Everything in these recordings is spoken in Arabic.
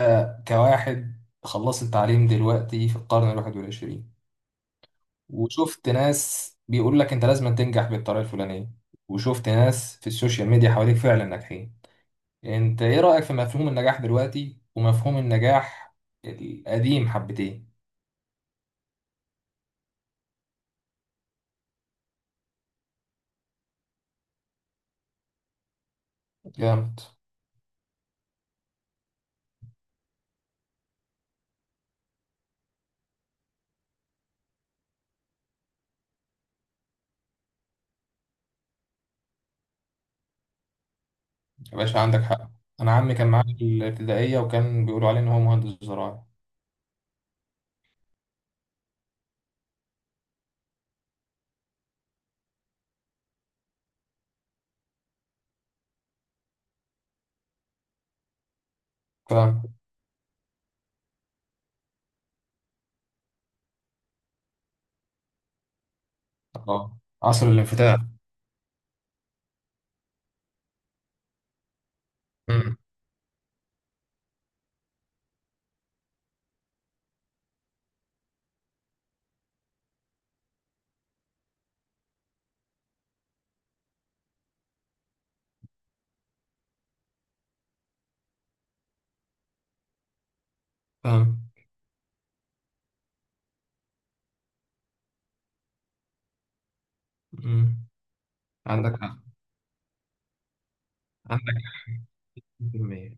كواحد خلصت تعليم دلوقتي في القرن الواحد والعشرين، وشفت ناس بيقول لك انت لازم تنجح بالطريقة الفلانية، وشفت ناس في السوشيال ميديا حواليك فعلا ناجحين. انت ايه رأيك في مفهوم النجاح دلوقتي ومفهوم النجاح القديم حبتين؟ جامد. يا باشا عندك حق. انا عمي كان معايا في الابتدائية وكان بيقولوا عليه ان هو مهندس زراعي. فاهم. اه، عصر الانفتاح. امم. فاهم. امم. عندك حق. عندك 100%.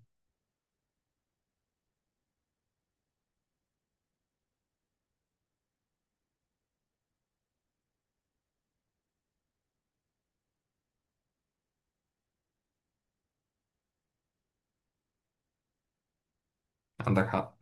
عندك حق.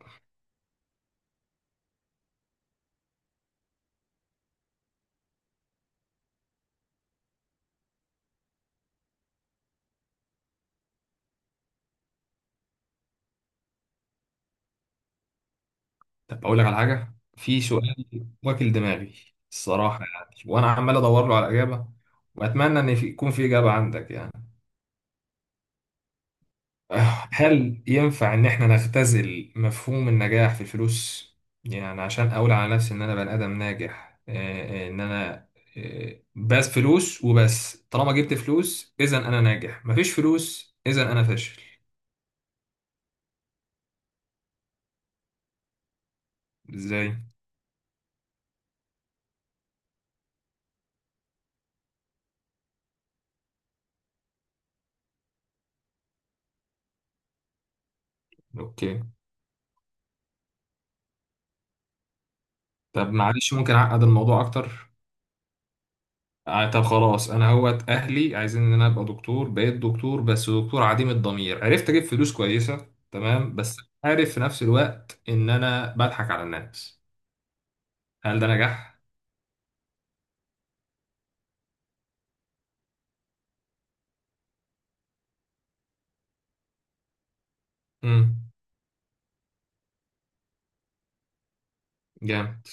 طب اقول لك على حاجه، في سؤال واكل دماغي الصراحه، يعني وانا عمال ادور له على اجابه، واتمنى ان يكون في اجابه عندك يعني. هل ينفع ان احنا نختزل مفهوم النجاح في الفلوس؟ يعني عشان اقول على نفسي ان انا بني ادم ناجح. آه، آه، ان انا آه، بس فلوس وبس، طالما جبت فلوس اذا انا ناجح، مفيش فلوس اذا انا فاشل. ازاي؟ اوكي. طب معلش ممكن اعقد الموضوع اكتر؟ طب خلاص، انا هوت اهلي عايزين ان انا ابقى دكتور، بقيت دكتور بس دكتور عديم الضمير عرفت اجيب فلوس كويسه. تمام، بس عارف في نفس الوقت ان انا بضحك على الناس. هل ده نجاح؟ امم. جامد.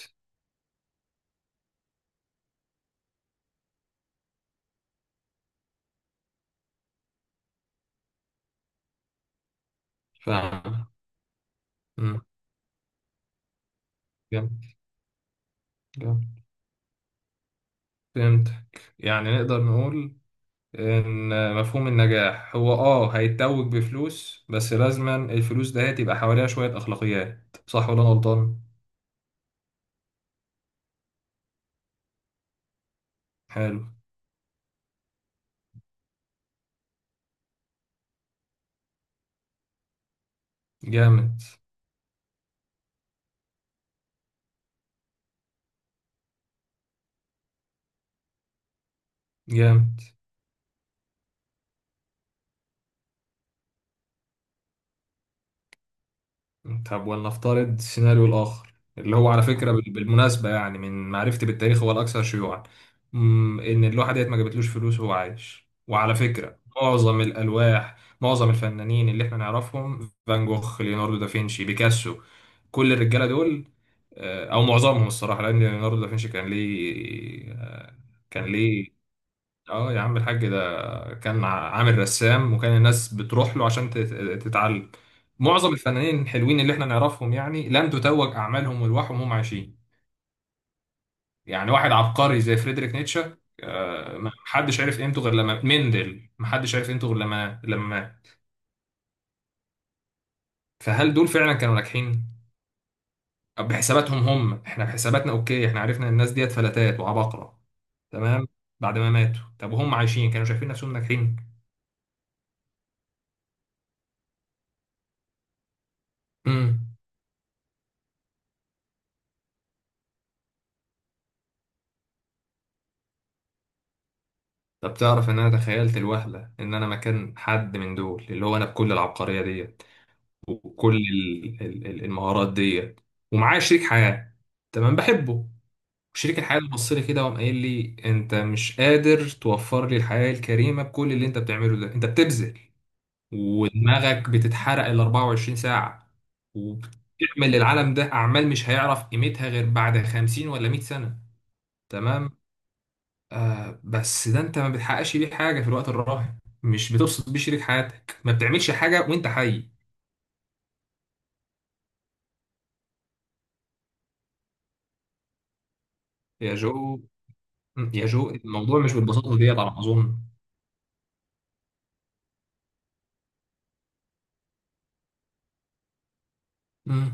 فاهم. امم. جامد. جامد. فهمت. يعني نقدر نقول ان مفهوم النجاح هو هيتوج بفلوس بس، لازما الفلوس ده هتبقى حواليها شويه اخلاقيات، صح ولا أنا غلطان؟ حلو. جامد. جامد. طب ولنفترض السيناريو الآخر، اللي هو على فكرة بالمناسبة يعني من معرفتي بالتاريخ هو الأكثر شيوعا. إن اللوحة ديت ما جابتلوش فلوس وهو عايش، وعلى فكرة معظم الألواح، معظم الفنانين اللي إحنا نعرفهم، فان جوخ، ليوناردو دافنشي، بيكاسو، كل الرجالة دول، أو معظمهم الصراحة، لأن ليوناردو دافنشي كان ليه. كان ليه، اه يا عم الحاج ده كان عامل رسام، وكان الناس بتروح له عشان تتعلم. معظم الفنانين الحلوين اللي احنا نعرفهم يعني لم تتوج اعمالهم والواحهم وهم عايشين. يعني واحد عبقري زي فريدريك نيتشه، ما حدش عرف قيمته غير لما مندل، ما حدش عرف قيمته غير لما مات. فهل دول فعلا كانوا ناجحين؟ طب بحساباتهم هم، احنا بحساباتنا اوكي، احنا عرفنا ان الناس ديت فلتات وعباقرة. تمام. بعد ما ماتوا، طب وهم عايشين كانوا شايفين نفسهم ناجحين؟ امم. طب تعرف ان انا تخيلت الوهله ان انا مكان حد من دول، اللي هو انا بكل العبقريه ديت وكل المهارات ديت، ومعايا شريك حياه، تمام بحبه. وشريك الحياه اللي بص لي كده وقام قايل لي انت مش قادر توفر لي الحياه الكريمه، بكل اللي انت بتعمله ده انت بتبذل، ودماغك بتتحرق ال 24 ساعه، وبتعمل للعالم ده اعمال مش هيعرف قيمتها غير بعد 50 ولا 100 سنه. تمام. بس ده انت ما بتحققش بيه حاجه في الوقت الراهن، مش بتبسط بيه شريك حياتك، ما بتعملش حاجه وانت حي. يا جو. يا جو الموضوع مش بالبساطه ديت على ما اظن. مم.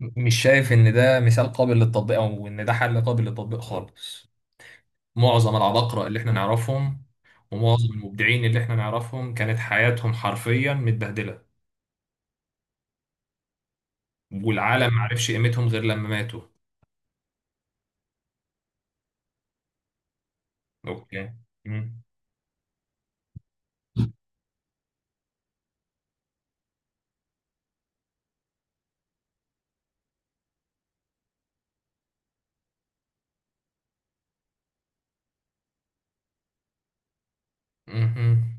مش شايف ان ده مثال قابل للتطبيق، او ان ده حل قابل للتطبيق خالص. معظم العباقرة اللي احنا نعرفهم، ومعظم المبدعين اللي احنا نعرفهم كانت حياتهم حرفيا متبهدلة، والعالم معرفش قيمتهم غير لما ماتوا. اوكي. مم. مم.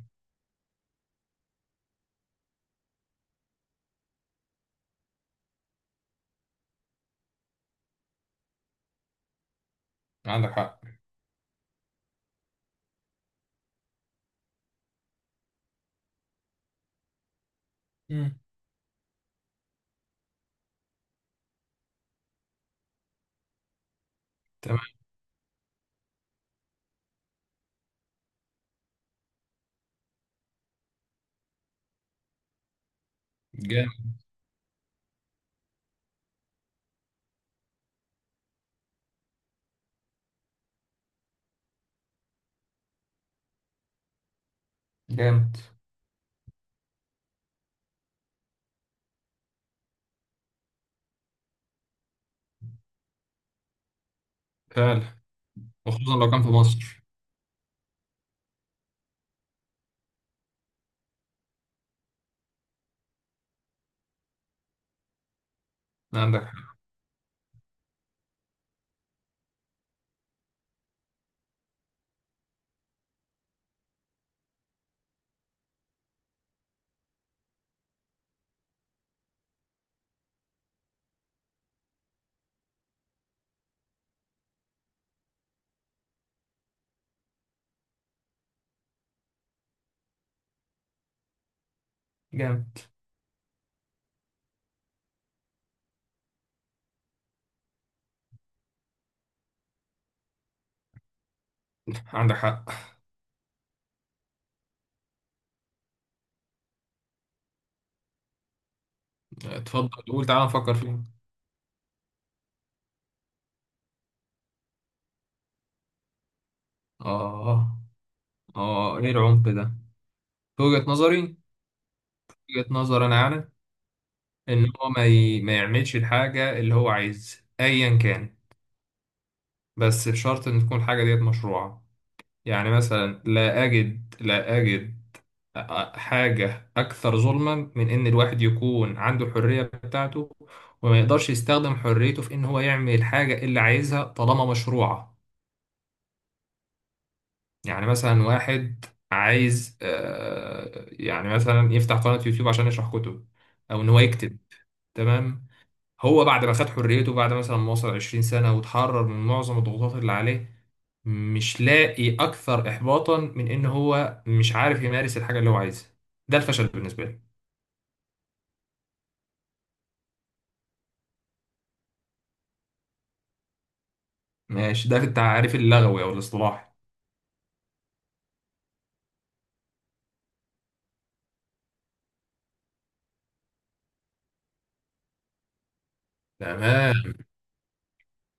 عندك حق. مم. تمام. جامد. فعلا. وخصوصا لو كان في مصر. عندك حق. جامد. عندك حق. اتفضل قول، تعالى نفكر فيه. اه. اه ايه العمق ده؟ في وجهة نظري، وجهة نظر انا اعلى، ان هو ما يعملش الحاجة اللي هو عايز ايا كان، بس بشرط ان تكون الحاجة ديت مشروعة. يعني مثلا لا اجد حاجة أكثر ظلما من إن الواحد يكون عنده الحرية بتاعته وما يقدرش يستخدم حريته في إن هو يعمل الحاجة اللي عايزها طالما مشروعة. يعني مثلا واحد عايز، يعني مثلا يفتح قناة يوتيوب عشان يشرح كتب، أو إن هو يكتب. تمام. هو بعد ما خد حريته، بعد مثلا ما وصل 20 سنة وتحرر من معظم الضغوطات اللي عليه، مش لاقي أكثر إحباطا من إن هو مش عارف يمارس الحاجة اللي هو عايزها. ده الفشل بالنسبة لي. ماشي، ده في التعريف اللغوي او الاصطلاحي. تمام.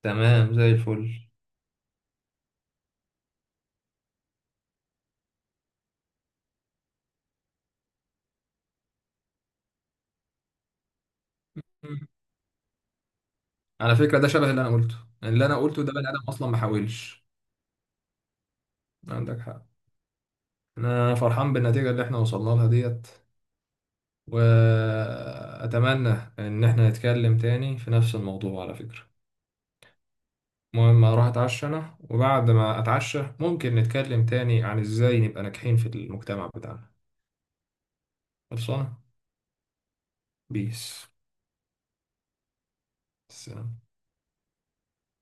تمام زي الفل. مم. على فكرة ده شبه اللي انا قلته. اللي انا قلته ده بني ادم اصلا ما حاولش. عندك حق. انا فرحان بالنتيجة اللي احنا وصلنا لها ديت، واتمنى ان احنا نتكلم تاني في نفس الموضوع على فكرة. المهم اروح اتعشى انا، وبعد ما اتعشى ممكن نتكلم تاني عن ازاي نبقى ناجحين في المجتمع بتاعنا. خلصانة. بيس. سلام.